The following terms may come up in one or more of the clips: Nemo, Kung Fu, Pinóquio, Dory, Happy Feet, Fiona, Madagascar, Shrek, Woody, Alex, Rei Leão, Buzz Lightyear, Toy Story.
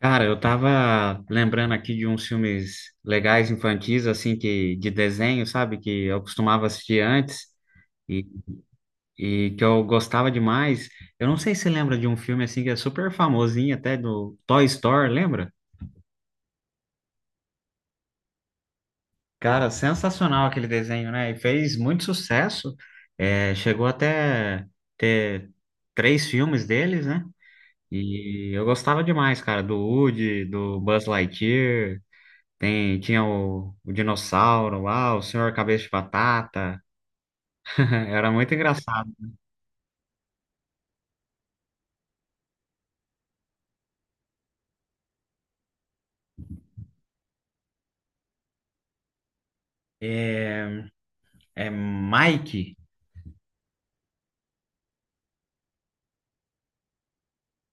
Cara, eu tava lembrando aqui de uns filmes legais infantis, assim, que de desenho, sabe? Que eu costumava assistir antes e, e que eu gostava demais. Eu não sei se você lembra de um filme, assim, que é super famosinho, até do Toy Story, lembra? Cara, sensacional aquele desenho, né? E fez muito sucesso. É, chegou até ter três filmes deles, né? E eu gostava demais, cara, do Woody, do Buzz Lightyear. Tinha o dinossauro lá, o senhor cabeça de batata. Era muito engraçado. É, É Mike?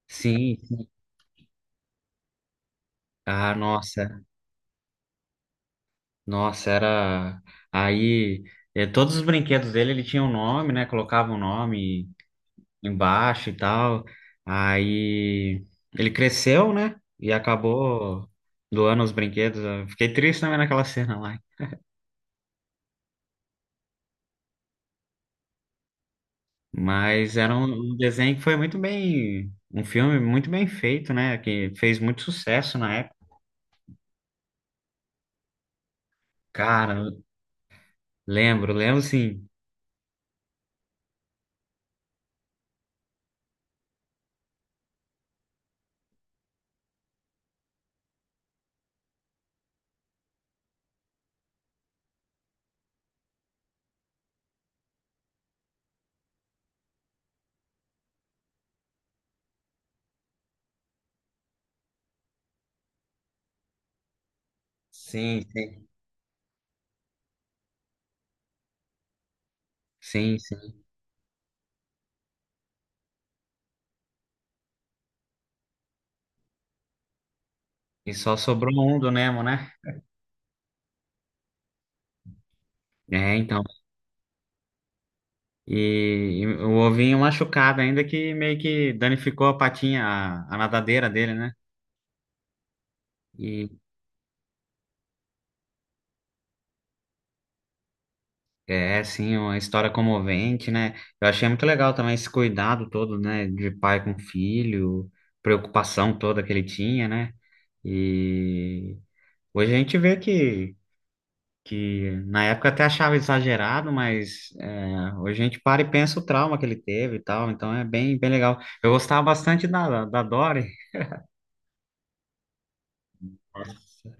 Sim. Ah, nossa. Nossa, era. Aí, é, todos os brinquedos dele, ele tinha um nome, né? Colocava o um nome embaixo e tal. Aí, ele cresceu, né? E acabou doando os brinquedos. Eu fiquei triste também naquela cena lá. Mas era um desenho que foi muito bem, um filme muito bem feito, né? Que fez muito sucesso na época. Cara, lembro, lembro sim. Sim, sim. Sim, sim. E só sobrou um do Nemo, né? É, então. E, e o ovinho machucado ainda que meio que danificou a patinha, a nadadeira dele, né? É, sim, é uma história comovente, né? Eu achei muito legal também esse cuidado todo, né, de pai com filho, preocupação toda que ele tinha, né? E hoje a gente que na época até achava exagerado, mas é, hoje a gente para e pensa o trauma que ele teve e tal, então é bem, bem legal. Eu gostava bastante da Dory. Nossa.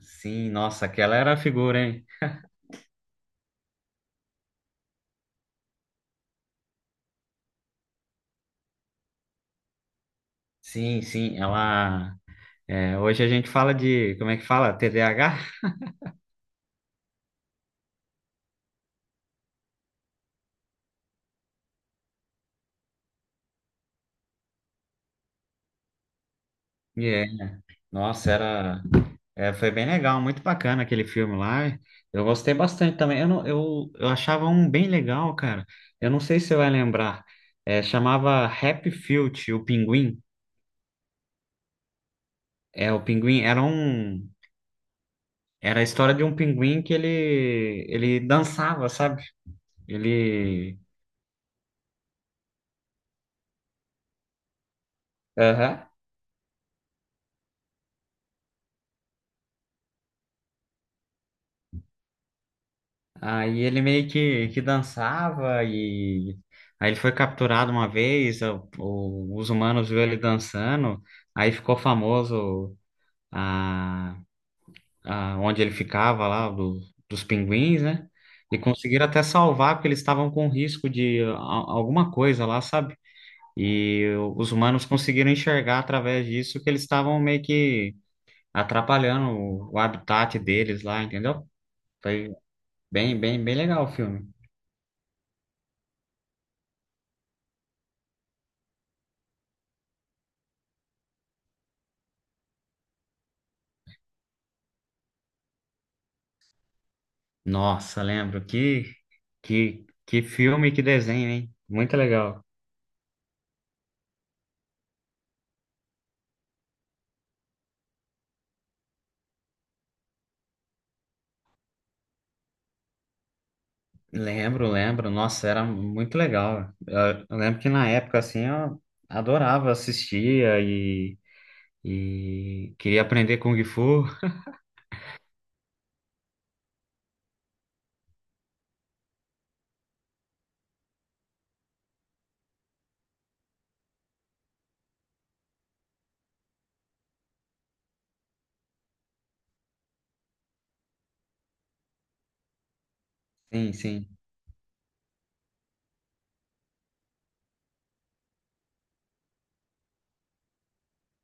Sim, nossa, aquela era a figura, hein? Sim, sim, ela. É, hoje a gente fala de, como é que fala? TDAH? Nossa, era, é, foi bem legal, muito bacana aquele filme lá. Eu gostei bastante também. Eu, não, eu achava um bem legal, cara. Eu não sei se você vai lembrar. É, chamava Happy Feet, o Pinguim. É, o Pinguim era a história de um pinguim que ele dançava, sabe? Ele, aham. Aí ele meio que dançava e aí ele foi capturado uma vez. Os humanos viu ele dançando. Aí ficou famoso. a, Onde ele ficava lá, dos pinguins, né? E conseguiram até salvar, porque eles estavam com risco de alguma coisa lá, sabe? E os humanos conseguiram enxergar através disso que eles estavam meio que atrapalhando o habitat deles lá, entendeu? Foi bem legal o filme. Nossa, lembro que filme, que desenho, hein? Muito legal. Lembro, lembro. Nossa, era muito legal. Eu lembro que na época, assim, eu adorava, e queria aprender Kung Fu. Sim, sim.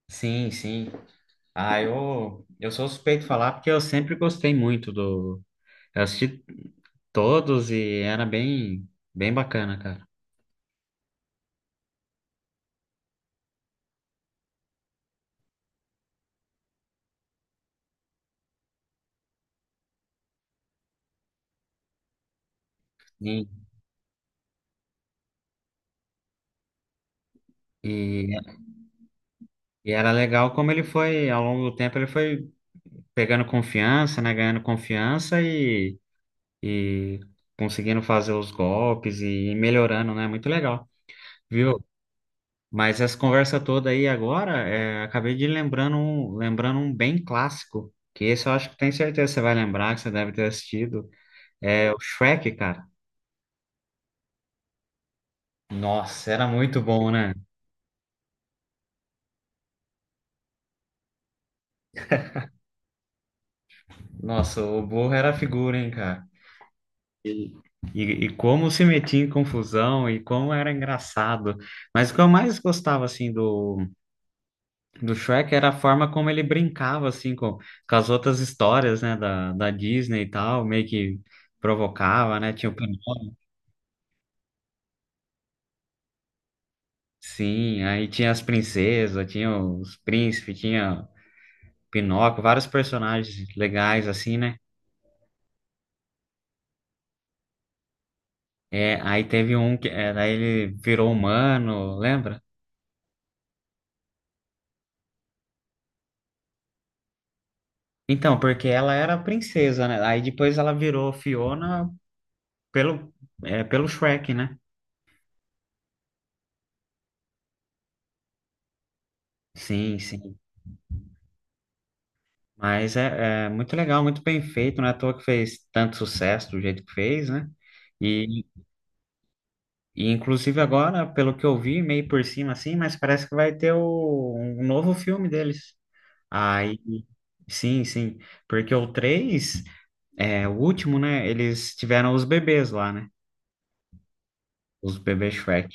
Sim, sim. Ah, eu sou suspeito de falar porque eu sempre gostei muito do... Eu assisti todos e era bem bacana, cara. Sim. E, e era legal como ele foi, ao longo do tempo, ele foi pegando confiança, né? Ganhando confiança e conseguindo fazer os golpes e melhorando, né? Muito legal, viu? Mas essa conversa toda aí agora, é, acabei de lembrando um bem clássico, que esse eu acho que tenho certeza que você vai lembrar, que você deve ter assistido, é o Shrek, cara. Nossa, era muito bom, né? Nossa, o burro era figura, hein, cara? E, e como se metia em confusão e como era engraçado. Mas o que eu mais gostava, assim, do Shrek era a forma como ele brincava, assim, com as outras histórias, né, da Disney e tal, meio que provocava, né, tinha o Pinóquio, sim, aí tinha as princesas, tinha os príncipes, tinha Pinóquio, vários personagens legais, assim, né, é, aí teve um que, é, daí ele virou humano, lembra? Então, porque ela era a princesa, né, aí depois ela virou Fiona pelo, é, pelo Shrek, né, sim, sim. Mas é muito legal, muito bem feito, não é à toa que fez tanto sucesso do jeito que fez, né? E, e inclusive agora, pelo que eu vi, meio por cima assim, mas parece que vai ter um novo filme deles. Aí, sim, sim, porque o 3, é, o último, né? Eles tiveram os bebês lá, né? Os bebês Shrek.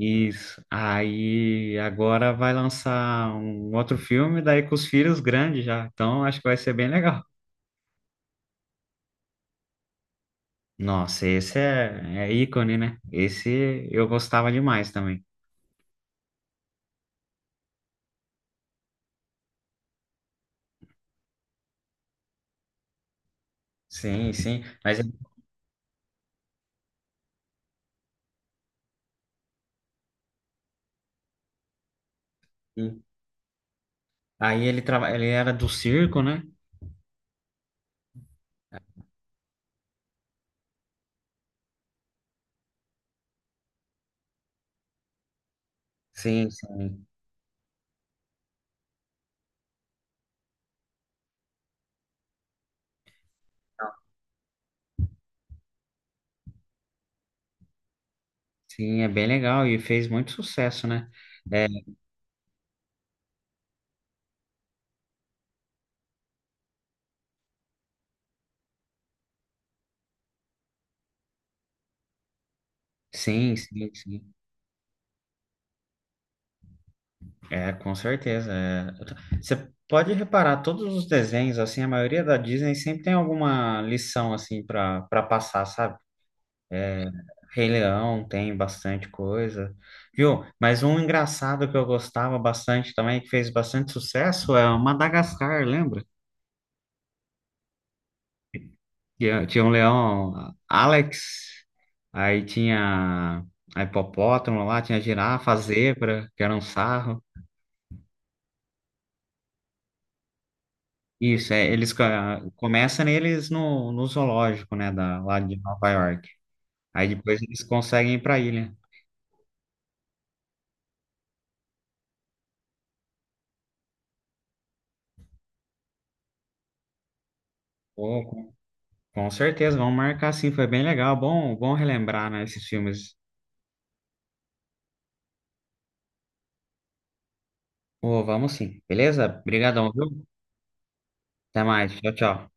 Isso. Aí agora vai lançar um outro filme, daí com os filhos grandes já. Então acho que vai ser bem legal. Nossa, esse é, é ícone, né? Esse eu gostava demais também. Sim, sim. Aí ele era do circo, né? Sim, sim. Sim, é bem legal e fez muito sucesso, né? É, sim, sim, sim. É, com certeza. É. Você pode reparar, todos os desenhos, assim, a maioria da Disney sempre tem alguma lição, assim, para passar, sabe? Rei Leão tem bastante coisa, viu? Mas um engraçado que eu gostava bastante também, que fez bastante sucesso, é o Madagascar, lembra? Tinha um leão Alex, aí tinha a hipopótamo lá, tinha a girafa, a zebra, que era um sarro. Isso, é, começam neles no zoológico, né, da, lá de Nova York. Aí depois eles conseguem ir pra ilha. Pô, com certeza, vamos marcar sim, foi bem legal, bom relembrar, né, esses filmes. Ô, vamos sim, beleza? Obrigadão, viu? Até mais, tchau, tchau.